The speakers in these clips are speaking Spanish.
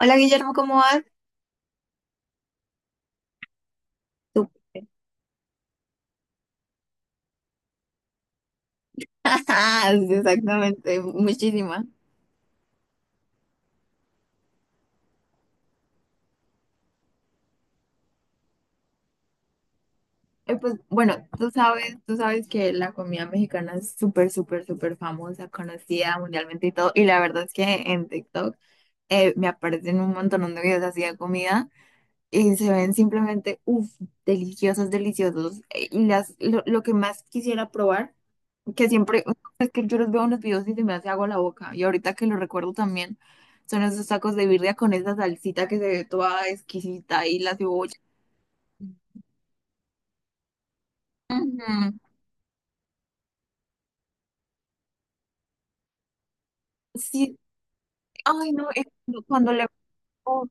Hola Guillermo, ¿cómo vas? Tú. Ajá, sí, exactamente, muchísima. Pues bueno, tú sabes que la comida mexicana es súper, súper, súper famosa, conocida mundialmente y todo. Y la verdad es que en TikTok me aparecen un montón de videos así de comida y se ven simplemente, uff, deliciosos, deliciosos. Y lo que más quisiera probar. que siempre, es que yo los veo en los videos y se me hace agua la boca. Y ahorita que lo recuerdo también, son esos tacos de birria con esa salsita que se ve toda exquisita y la cebolla. Ujú. Sí, ay no, es oh,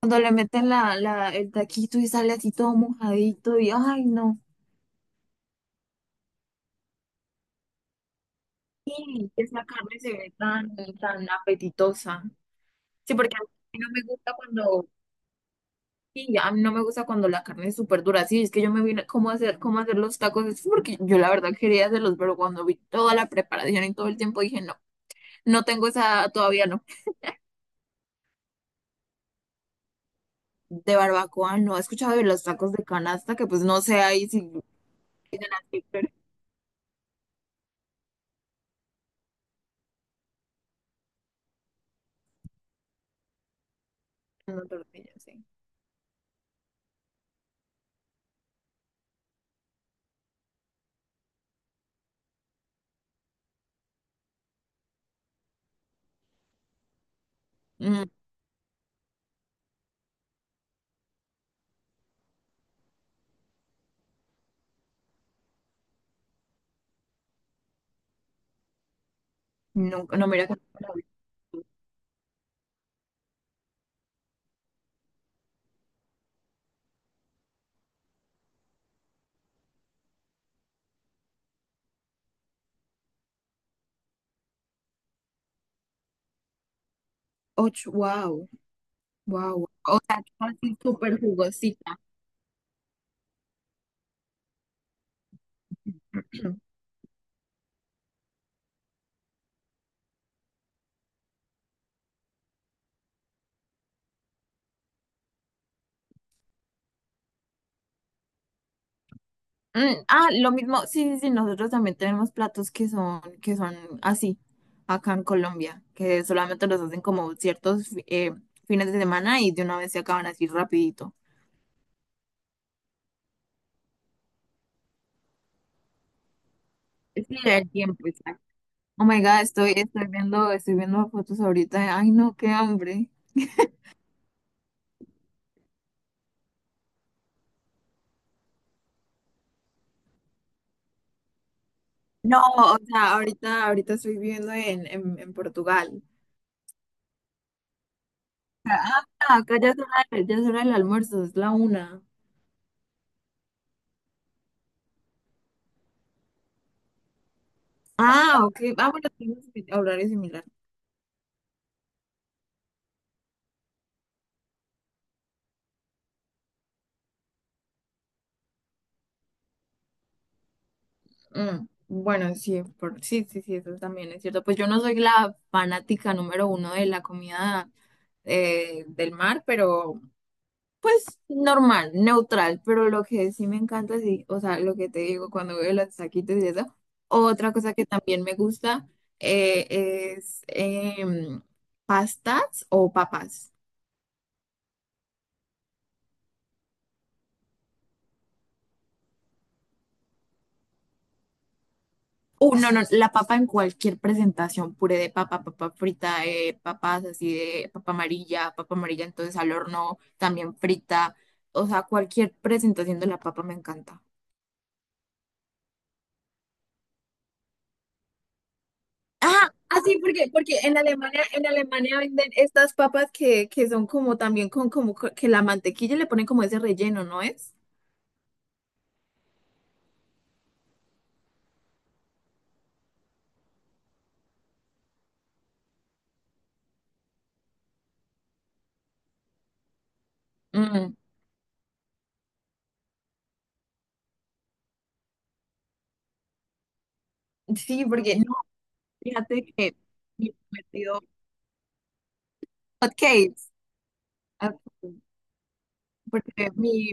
cuando le meten el taquito y sale así todo mojadito y ay no. Sí, esa carne se ve tan, tan apetitosa. Sí, porque mí no me gusta cuando sí ya, a mí no me gusta cuando la carne es súper dura. Sí, es que yo me vine cómo hacer los tacos. Es porque yo la verdad quería hacerlos, pero cuando vi toda la preparación y todo el tiempo dije, no, no tengo esa, todavía no. De barbacoa, no he escuchado de los tacos de canasta, que pues no sé ahí si dicen así, pero no tortillas, sí. Mm, nunca, no, mira que ocho, wow, wow. O sea, así súper jugosita. Mm, ah, lo mismo, sí, sí, sí, nosotros también tenemos platos que son así, acá en Colombia, que solamente los hacen como ciertos fines de semana y de una vez se acaban así rapidito. Es que el tiempo, exacto. Oh my God, estoy viendo fotos ahorita. Ay, no, qué hambre. No, o sea, ahorita estoy viviendo en, Portugal. Ah, acá ya es hora del almuerzo, es la una. Ah, ok. Ah, bueno, tenemos horarios similares. Mm, bueno, sí, sí, sí, sí, eso también es cierto. Pues yo no soy la fanática número uno de la comida del mar, pero normal, neutral. Pero lo que sí me encanta, sí, o sea, lo que te digo cuando veo los taquitos y eso. Otra cosa que también me gusta es pastas o papas. No, no, la papa en cualquier presentación, puré de papa, papa frita, papas así de papa amarilla entonces al horno, también frita, o sea, cualquier presentación de la papa me encanta. Ah, así porque en Alemania venden estas papas que son como también con como que la mantequilla le ponen como ese relleno, ¿no es? Mm, sí, porque no, fíjate que mi prometido hot cakes, ah, porque mi,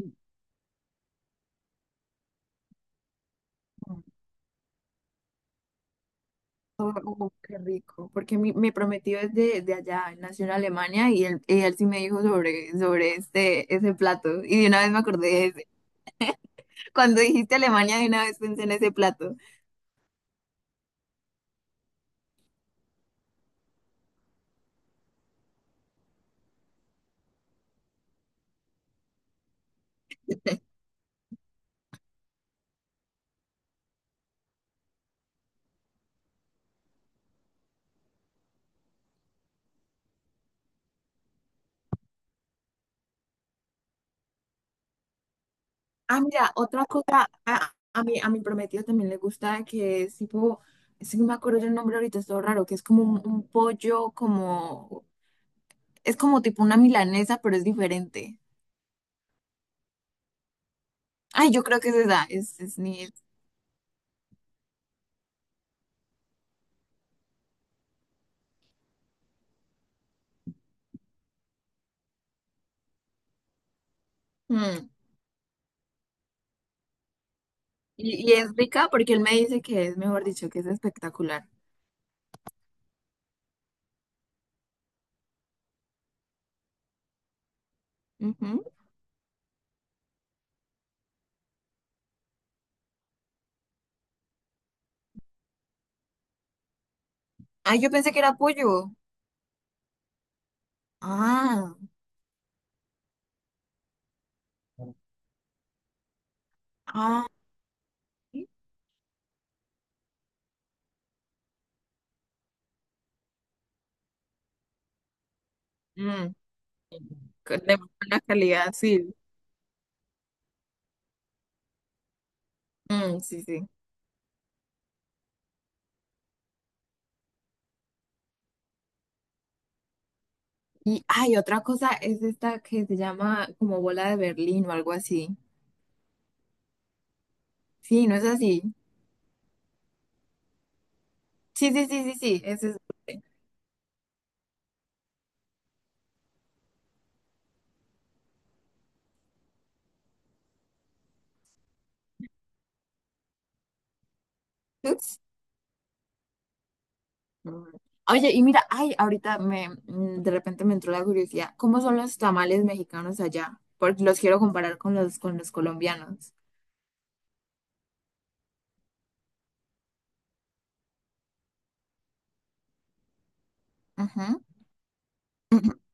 oh, oh, qué rico, porque mi prometido es de allá, él nació en Alemania y él sí me dijo sobre este, ese plato. Y de una vez me acordé de ese. Cuando dijiste Alemania, de una vez pensé en ese plato. Ah, mira, otra cosa, a mi prometido también le gusta que es tipo, si no me acuerdo el nombre ahorita, es todo raro, que es como un pollo, es como tipo una milanesa, pero es diferente. Ay, yo creo que es esa, es, ni- Mm. Y es rica porque él me dice que es, mejor dicho, que es espectacular. Ujú. Ah, yo pensé que era pollo. Ah, ah, sí. mm, de muy buena calidad, sí. Mm, sí, sí. Y hay otra cosa, es esta que se llama como bola de Berlín o algo así. Sí, ¿no es así? Sí, sí, sí, sí, sí, ese es. Ups. Mm. Oye, y mira, ay, de repente me entró la curiosidad, ¿cómo son los tamales mexicanos allá? Porque los quiero comparar con los colombianos. Ajá.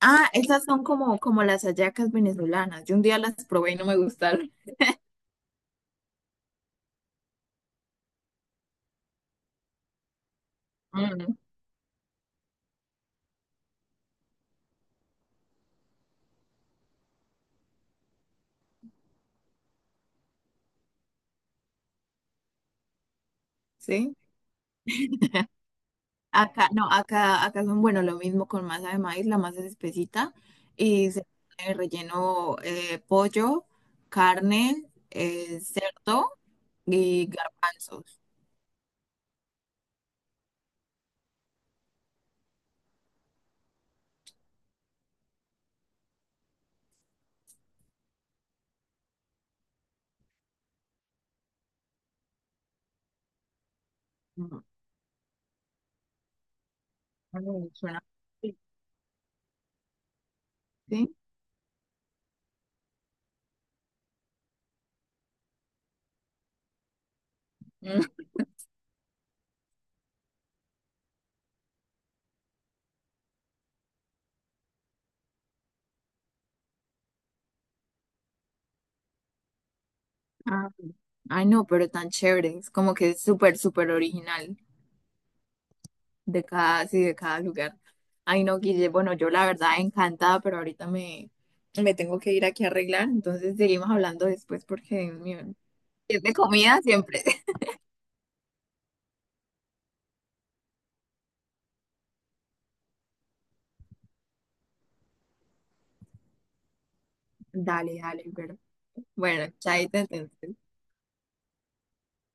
Ah, esas son como las hallacas venezolanas. Yo un día las probé y no me gustaron. Mm, ¿sí? Acá, no, acá son, bueno, lo mismo con masa de maíz, la masa es espesita y se pone relleno pollo, carne, cerdo y garbanzos. Mm, mm, suena rico, ¿sí? Mm. Ah, ay, no, pero tan chévere, es como que es súper, súper original. Sí, de cada lugar. Ay, no, Guille, bueno, yo la verdad encantada, pero ahorita me tengo que ir aquí a arreglar, entonces seguimos hablando después porque Dios mío si es de comida siempre. Dale, dale, pero bueno, chaito entonces.